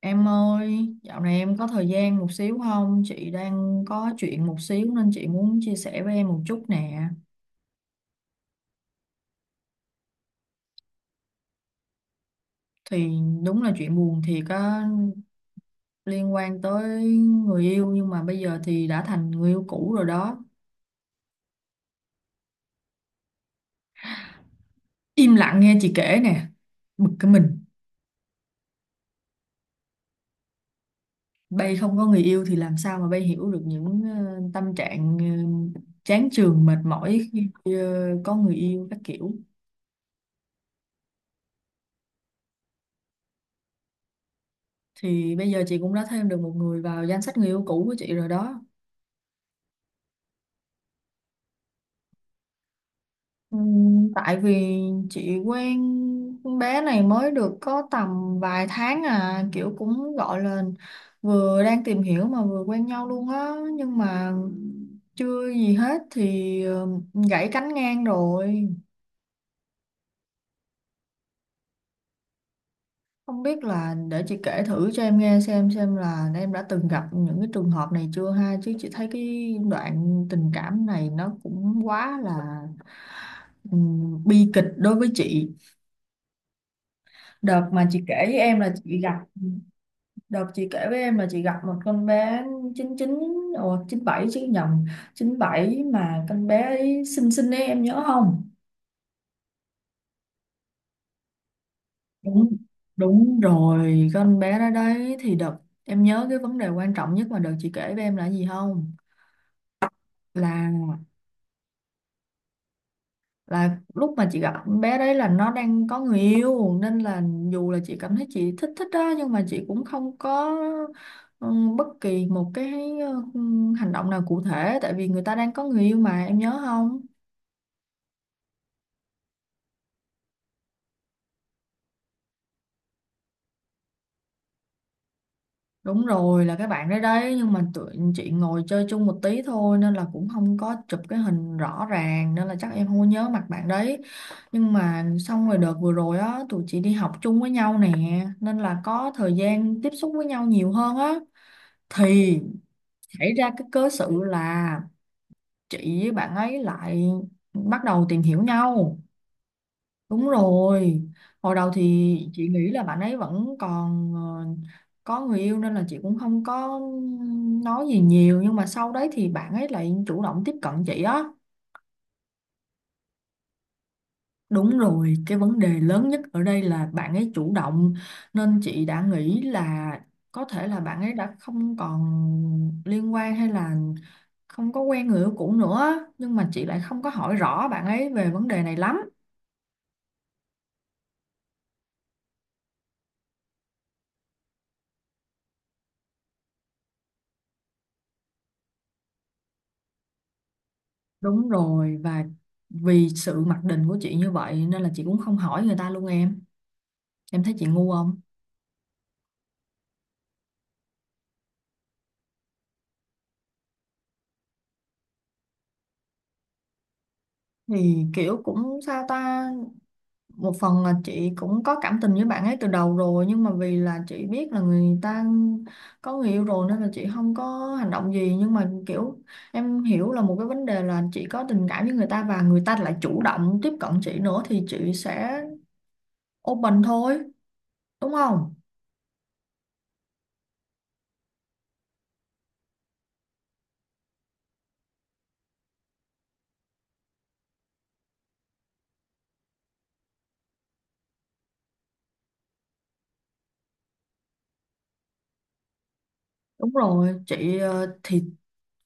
Em ơi, dạo này em có thời gian một xíu không? Chị đang có chuyện một xíu nên chị muốn chia sẻ với em một chút nè. Thì đúng là chuyện buồn thiệt á, liên quan tới người yêu nhưng mà bây giờ thì đã thành người yêu cũ rồi đó. Im lặng nghe chị kể nè, bực cái mình. Bây không có người yêu thì làm sao mà bây hiểu được những tâm trạng chán chường mệt mỏi khi có người yêu các kiểu. Thì bây giờ chị cũng đã thêm được một người vào danh sách người yêu cũ của chị rồi đó. Tại vì chị quen con bé này mới được có tầm vài tháng à, kiểu cũng gọi là vừa đang tìm hiểu mà vừa quen nhau luôn á, nhưng mà chưa gì hết thì gãy cánh ngang rồi. Không biết, là để chị kể thử cho em nghe xem là em đã từng gặp những cái trường hợp này chưa ha, chứ chị thấy cái đoạn tình cảm này nó cũng quá là bi kịch đối với chị. Đợt mà chị kể với em là chị gặp Đợt chị kể với em là chị gặp một con bé 99. Ồ, chín bảy chứ, nhầm, chín bảy mà, con bé ấy xinh xinh ấy, em nhớ không? Đúng đúng rồi, con bé đó đấy. Thì đợt em nhớ cái vấn đề quan trọng nhất mà đợt chị kể với em là gì không? Là là lúc mà chị gặp con bé đấy là nó đang có người yêu, nên là dù là chị cảm thấy chị thích thích đó, nhưng mà chị cũng không có ừ, bất kỳ một cái ừ, hành động nào cụ thể, tại vì người ta đang có người yêu mà, em nhớ không? Đúng rồi, là cái bạn đấy đấy, nhưng mà tụi chị ngồi chơi chung một tí thôi nên là cũng không có chụp cái hình rõ ràng, nên là chắc em không có nhớ mặt bạn đấy. Nhưng mà xong rồi đợt vừa rồi á, tụi chị đi học chung với nhau nè, nên là có thời gian tiếp xúc với nhau nhiều hơn á. Thì xảy ra cái cớ sự là chị với bạn ấy lại bắt đầu tìm hiểu nhau. Đúng rồi, hồi đầu thì chị nghĩ là bạn ấy vẫn còn có người yêu nên là chị cũng không có nói gì nhiều, nhưng mà sau đấy thì bạn ấy lại chủ động tiếp cận chị á. Đúng rồi, cái vấn đề lớn nhất ở đây là bạn ấy chủ động, nên chị đã nghĩ là có thể là bạn ấy đã không còn liên quan hay là không có quen người yêu cũ nữa, nhưng mà chị lại không có hỏi rõ bạn ấy về vấn đề này lắm. Đúng rồi, và vì sự mặc định của chị như vậy nên là chị cũng không hỏi người ta luôn em. Em thấy chị ngu không? Thì kiểu cũng sao ta, một phần là chị cũng có cảm tình với bạn ấy từ đầu rồi, nhưng mà vì là chị biết là người ta có người yêu rồi nên là chị không có hành động gì, nhưng mà kiểu em hiểu là một cái vấn đề là chị có tình cảm với người ta và người ta lại chủ động tiếp cận chị nữa, thì chị sẽ open thôi, đúng không? Đúng rồi chị thì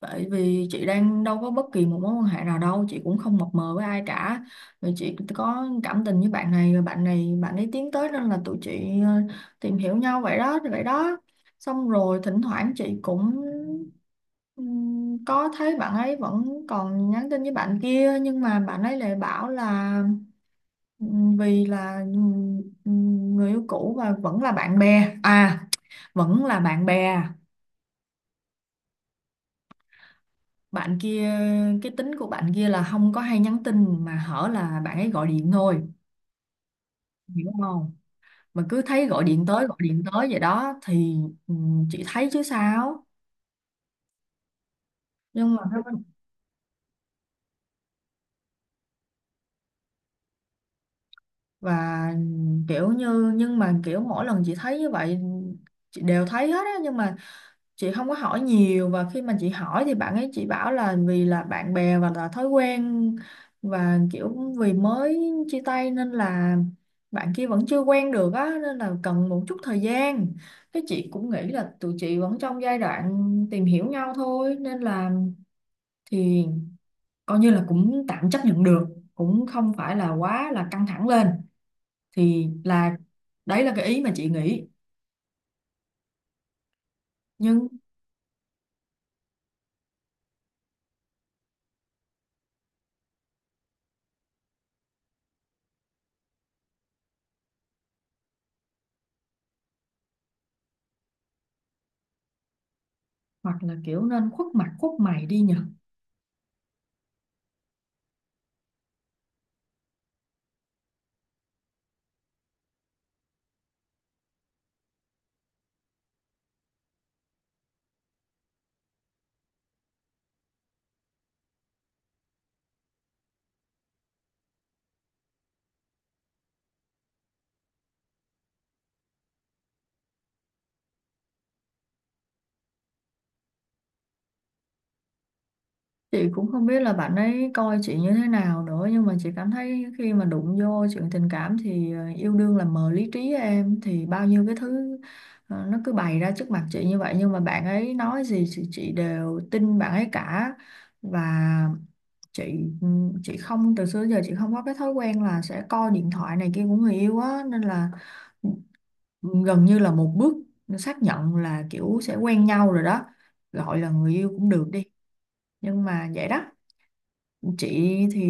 tại vì chị đang đâu có bất kỳ một mối quan hệ nào đâu, chị cũng không mập mờ với ai cả. Rồi chị có cảm tình với bạn này, rồi bạn này, bạn ấy tiến tới nên là tụi chị tìm hiểu nhau vậy đó, vậy đó. Xong rồi thỉnh thoảng chị cũng có thấy bạn ấy vẫn còn nhắn tin với bạn kia, nhưng mà bạn ấy lại bảo là vì là người yêu cũ và vẫn là bạn bè, à, vẫn là bạn bè. Bạn kia, cái tính của bạn kia là không có hay nhắn tin mà hở là bạn ấy gọi điện thôi, hiểu không? Mà cứ thấy gọi điện tới, gọi điện tới vậy đó thì ừ, chị thấy chứ sao. Nhưng mà và kiểu như, nhưng mà kiểu mỗi lần chị thấy như vậy, chị đều thấy hết á, nhưng mà chị không có hỏi nhiều, và khi mà chị hỏi thì bạn ấy chỉ bảo là vì là bạn bè và là thói quen, và kiểu vì mới chia tay nên là bạn kia vẫn chưa quen được á, nên là cần một chút thời gian. Cái chị cũng nghĩ là tụi chị vẫn trong giai đoạn tìm hiểu nhau thôi nên là thì coi như là cũng tạm chấp nhận được, cũng không phải là quá là căng thẳng lên. Thì là đấy là cái ý mà chị nghĩ, nhưng hoặc là kiểu nên khuất mặt khuất mày đi nhờ. Chị cũng không biết là bạn ấy coi chị như thế nào nữa, nhưng mà chị cảm thấy khi mà đụng vô chuyện tình cảm thì yêu đương là mờ lý trí em, thì bao nhiêu cái thứ nó cứ bày ra trước mặt chị như vậy, nhưng mà bạn ấy nói gì thì chị đều tin bạn ấy cả. Và chị ừ, chị không, từ xưa đến giờ chị không có cái thói quen là sẽ coi điện thoại này kia của người yêu á, nên là gần như là một bước xác nhận là kiểu sẽ quen nhau rồi đó, gọi là người yêu cũng được đi, nhưng mà vậy đó. Chị thì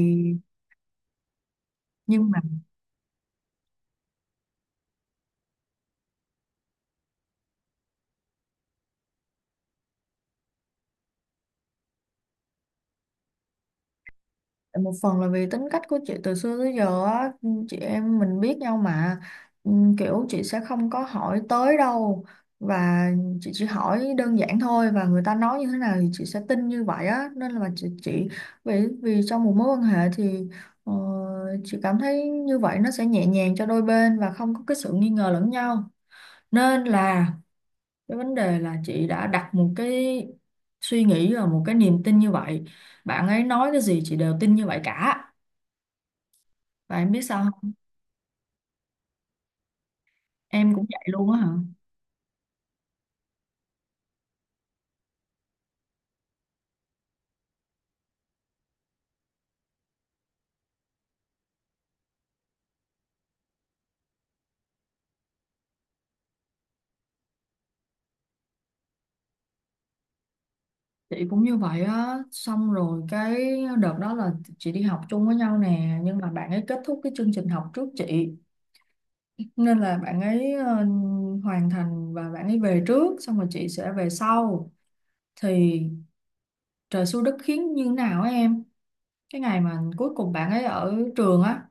nhưng mà một phần là vì tính cách của chị từ xưa tới giờ á, chị em mình biết nhau mà. Ừ, kiểu chị sẽ không có hỏi tới đâu, và chị chỉ hỏi đơn giản thôi, và người ta nói như thế nào thì chị sẽ tin như vậy á, nên là chị vì vì trong một mối quan hệ thì ờ, chị cảm thấy như vậy nó sẽ nhẹ nhàng cho đôi bên và không có cái sự nghi ngờ lẫn nhau. Nên là cái vấn đề là chị đã đặt một cái suy nghĩ và một cái niềm tin như vậy, bạn ấy nói cái gì chị đều tin như vậy cả. Và em biết sao không? Em cũng vậy luôn á hả? Chị cũng như vậy á, xong rồi cái đợt đó là chị đi học chung với nhau nè, nhưng mà bạn ấy kết thúc cái chương trình học trước chị. Nên là bạn ấy hoàn thành và bạn ấy về trước, xong rồi chị sẽ về sau. Thì trời xui đất khiến như nào á em? Cái ngày mà cuối cùng bạn ấy ở trường á,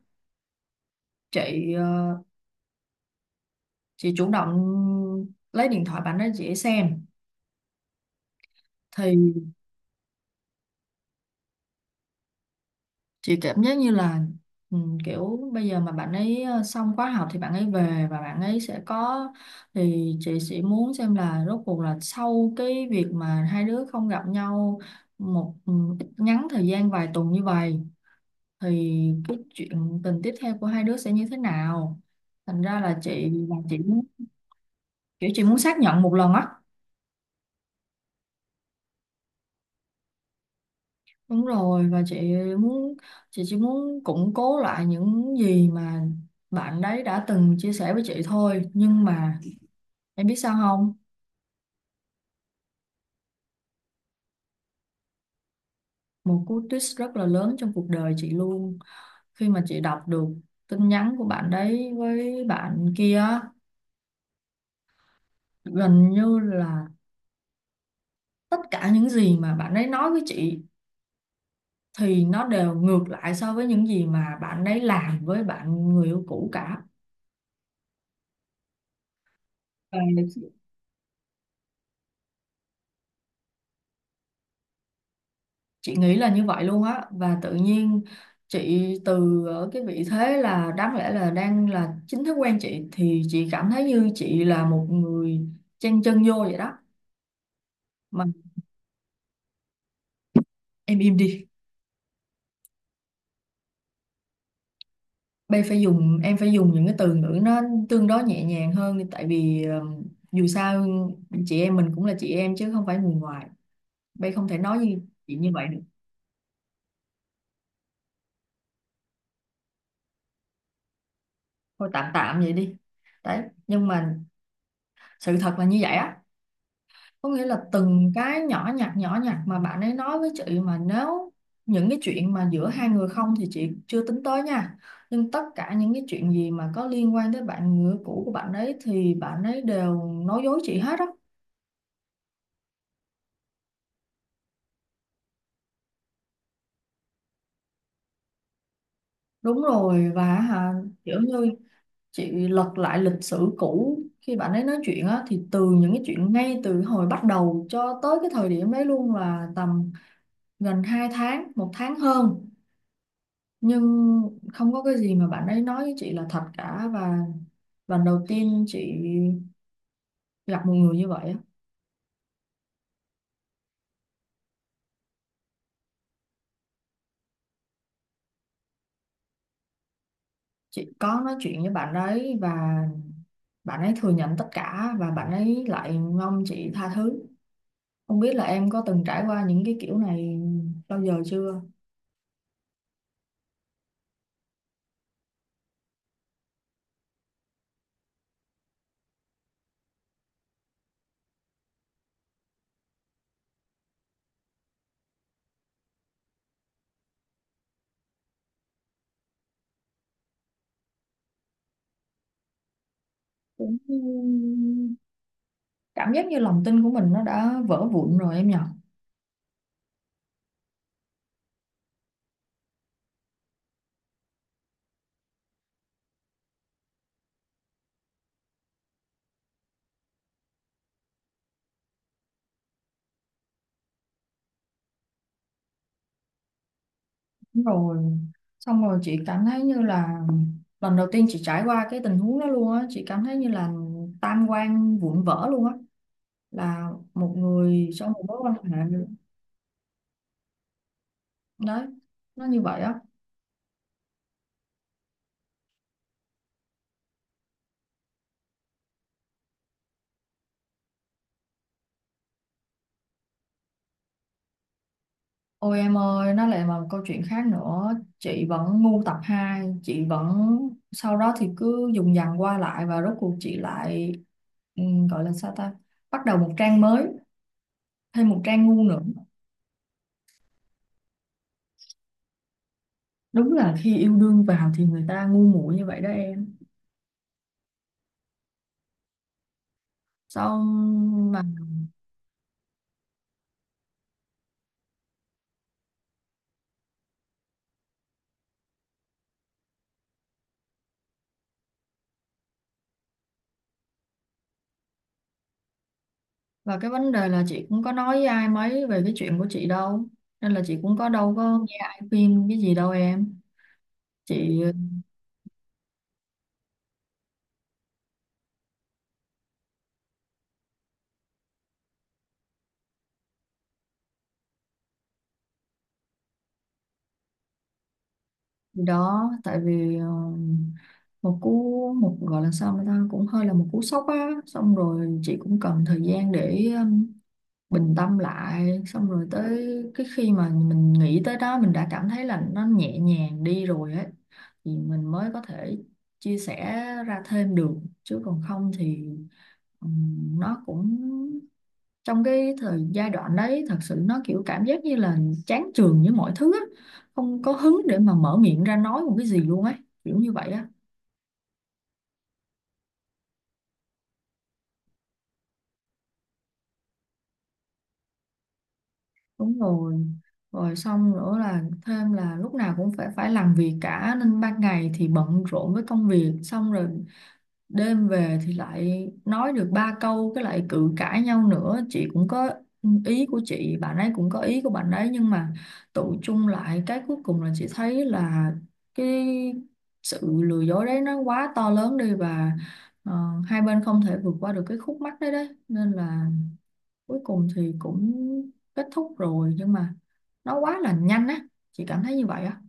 chị chị chủ động lấy điện thoại bạn ấy chị xem. Thì chị cảm giác như là ừ, kiểu bây giờ mà bạn ấy xong khóa học thì bạn ấy về và bạn ấy sẽ có, thì chị sẽ muốn xem là rốt cuộc là sau cái việc mà hai đứa không gặp nhau một ít ngắn thời gian vài tuần như vậy thì cái chuyện tình tiếp theo của hai đứa sẽ như thế nào. Thành ra là chị, là chị muốn, kiểu chị muốn xác nhận một lần á. Đúng rồi, và chị muốn, chị chỉ muốn củng cố lại những gì mà bạn đấy đã từng chia sẻ với chị thôi, nhưng mà em biết sao không? Một cú twist rất là lớn trong cuộc đời chị luôn, khi mà chị đọc được tin nhắn của bạn đấy với bạn kia á, gần như là tất cả những gì mà bạn ấy nói với chị thì nó đều ngược lại so với những gì mà bạn ấy làm với bạn người yêu cũ cả. Và chị nghĩ là như vậy luôn á, và tự nhiên chị từ ở cái vị thế là đáng lẽ là đang là chính thức quen chị thì chị cảm thấy như chị là một người chen chân vô vậy đó. Mà em im đi, bây phải dùng, em phải dùng những cái từ ngữ nó tương đối nhẹ nhàng hơn đi, tại vì dù sao chị em mình cũng là chị em chứ không phải người ngoài, bây không thể nói như chị như vậy được. Thôi tạm tạm vậy đi, đấy nhưng mà sự thật là như vậy á, có nghĩa là từng cái nhỏ nhặt, nhỏ nhặt mà bạn ấy nói với chị mà nếu những cái chuyện mà giữa hai người không thì chị chưa tính tới nha, nhưng tất cả những cái chuyện gì mà có liên quan tới bạn người cũ của bạn ấy thì bạn ấy đều nói dối chị hết á. Đúng rồi và hả, kiểu như chị lật lại lịch sử cũ khi bạn ấy nói chuyện á, thì từ những cái chuyện ngay từ hồi bắt đầu cho tới cái thời điểm đấy luôn là tầm gần 2 tháng 1 tháng hơn, nhưng không có cái gì mà bạn ấy nói với chị là thật cả. Và lần đầu tiên chị gặp một người như vậy á. Chị có nói chuyện với bạn ấy, và bạn ấy thừa nhận tất cả, và bạn ấy lại mong chị tha thứ. Không biết là em có từng trải qua những cái kiểu này bao giờ chưa. Cũng cảm giác như lòng tin của mình nó đã vỡ vụn rồi em nhỉ. Đúng rồi, xong rồi chị cảm thấy như là lần đầu tiên chị trải qua cái tình huống đó luôn á, chị cảm thấy như là tam quan vụn vỡ luôn á, là một người trong một mối quan hệ. Đấy, nó như vậy á. Ôi em ơi, nó lại là một câu chuyện khác nữa. Chị vẫn ngu tập 2, chị vẫn sau đó thì cứ dùng dằng qua lại, và rốt cuộc chị lại, ừ, gọi là sao ta, bắt đầu một trang mới, thêm một trang ngu nữa. Đúng là khi yêu đương vào thì người ta ngu muội như vậy đó em. Xong mà. Và cái vấn đề là chị cũng có nói với ai mấy về cái chuyện của chị đâu, nên là chị cũng có đâu có nghe ai khuyên cái gì đâu em. Chị, thì đó, tại vì một cú, một gọi là sao, người ta cũng hơi là một cú sốc á, xong rồi chị cũng cần thời gian để bình tâm lại, xong rồi tới cái khi mà mình nghĩ tới đó mình đã cảm thấy là nó nhẹ nhàng đi rồi ấy, thì mình mới có thể chia sẻ ra thêm được. Chứ còn không thì, nó cũng, trong cái thời giai đoạn đấy thật sự nó kiểu cảm giác như là chán chường với mọi thứ á, không có hứng để mà mở miệng ra nói một cái gì luôn ấy, kiểu như vậy á. Đúng rồi, rồi xong nữa là thêm là lúc nào cũng phải phải làm việc cả, nên ban ngày thì bận rộn với công việc, xong rồi đêm về thì lại nói được ba câu cái lại cự cãi nhau nữa. Chị cũng có ý của chị, bạn ấy cũng có ý của bạn ấy, nhưng mà tụ chung lại cái cuối cùng là chị thấy là cái sự lừa dối đấy nó quá to lớn đi, và ờ, hai bên không thể vượt qua được cái khúc mắc đấy đấy, nên là cuối cùng thì cũng kết thúc rồi, nhưng mà nó quá là nhanh á, chị cảm thấy như vậy á.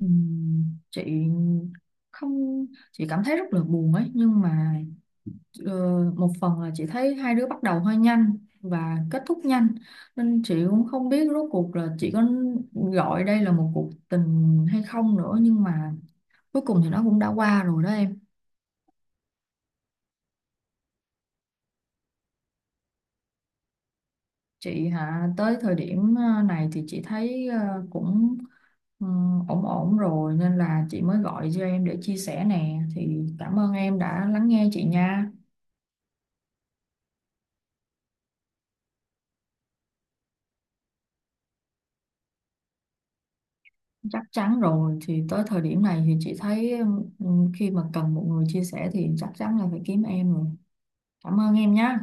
Ừm, chị không, chị cảm thấy rất là buồn ấy, nhưng mà, Ờ, một phần là chị thấy hai đứa bắt đầu hơi nhanh và kết thúc nhanh, nên chị cũng không biết rốt cuộc là chị có gọi đây là một cuộc tình hay không nữa, nhưng mà cuối cùng thì nó cũng đã qua rồi đó em. Chị hả? Tới thời điểm này thì chị thấy cũng ờ, ổn ổn rồi, nên là chị mới gọi cho em để chia sẻ nè, thì cảm ơn em đã lắng nghe chị nha. Chắc chắn rồi, thì tới thời điểm này thì chị thấy, ừ, khi mà cần một người chia sẻ thì chắc chắn là phải kiếm em rồi. Cảm ơn em nhé.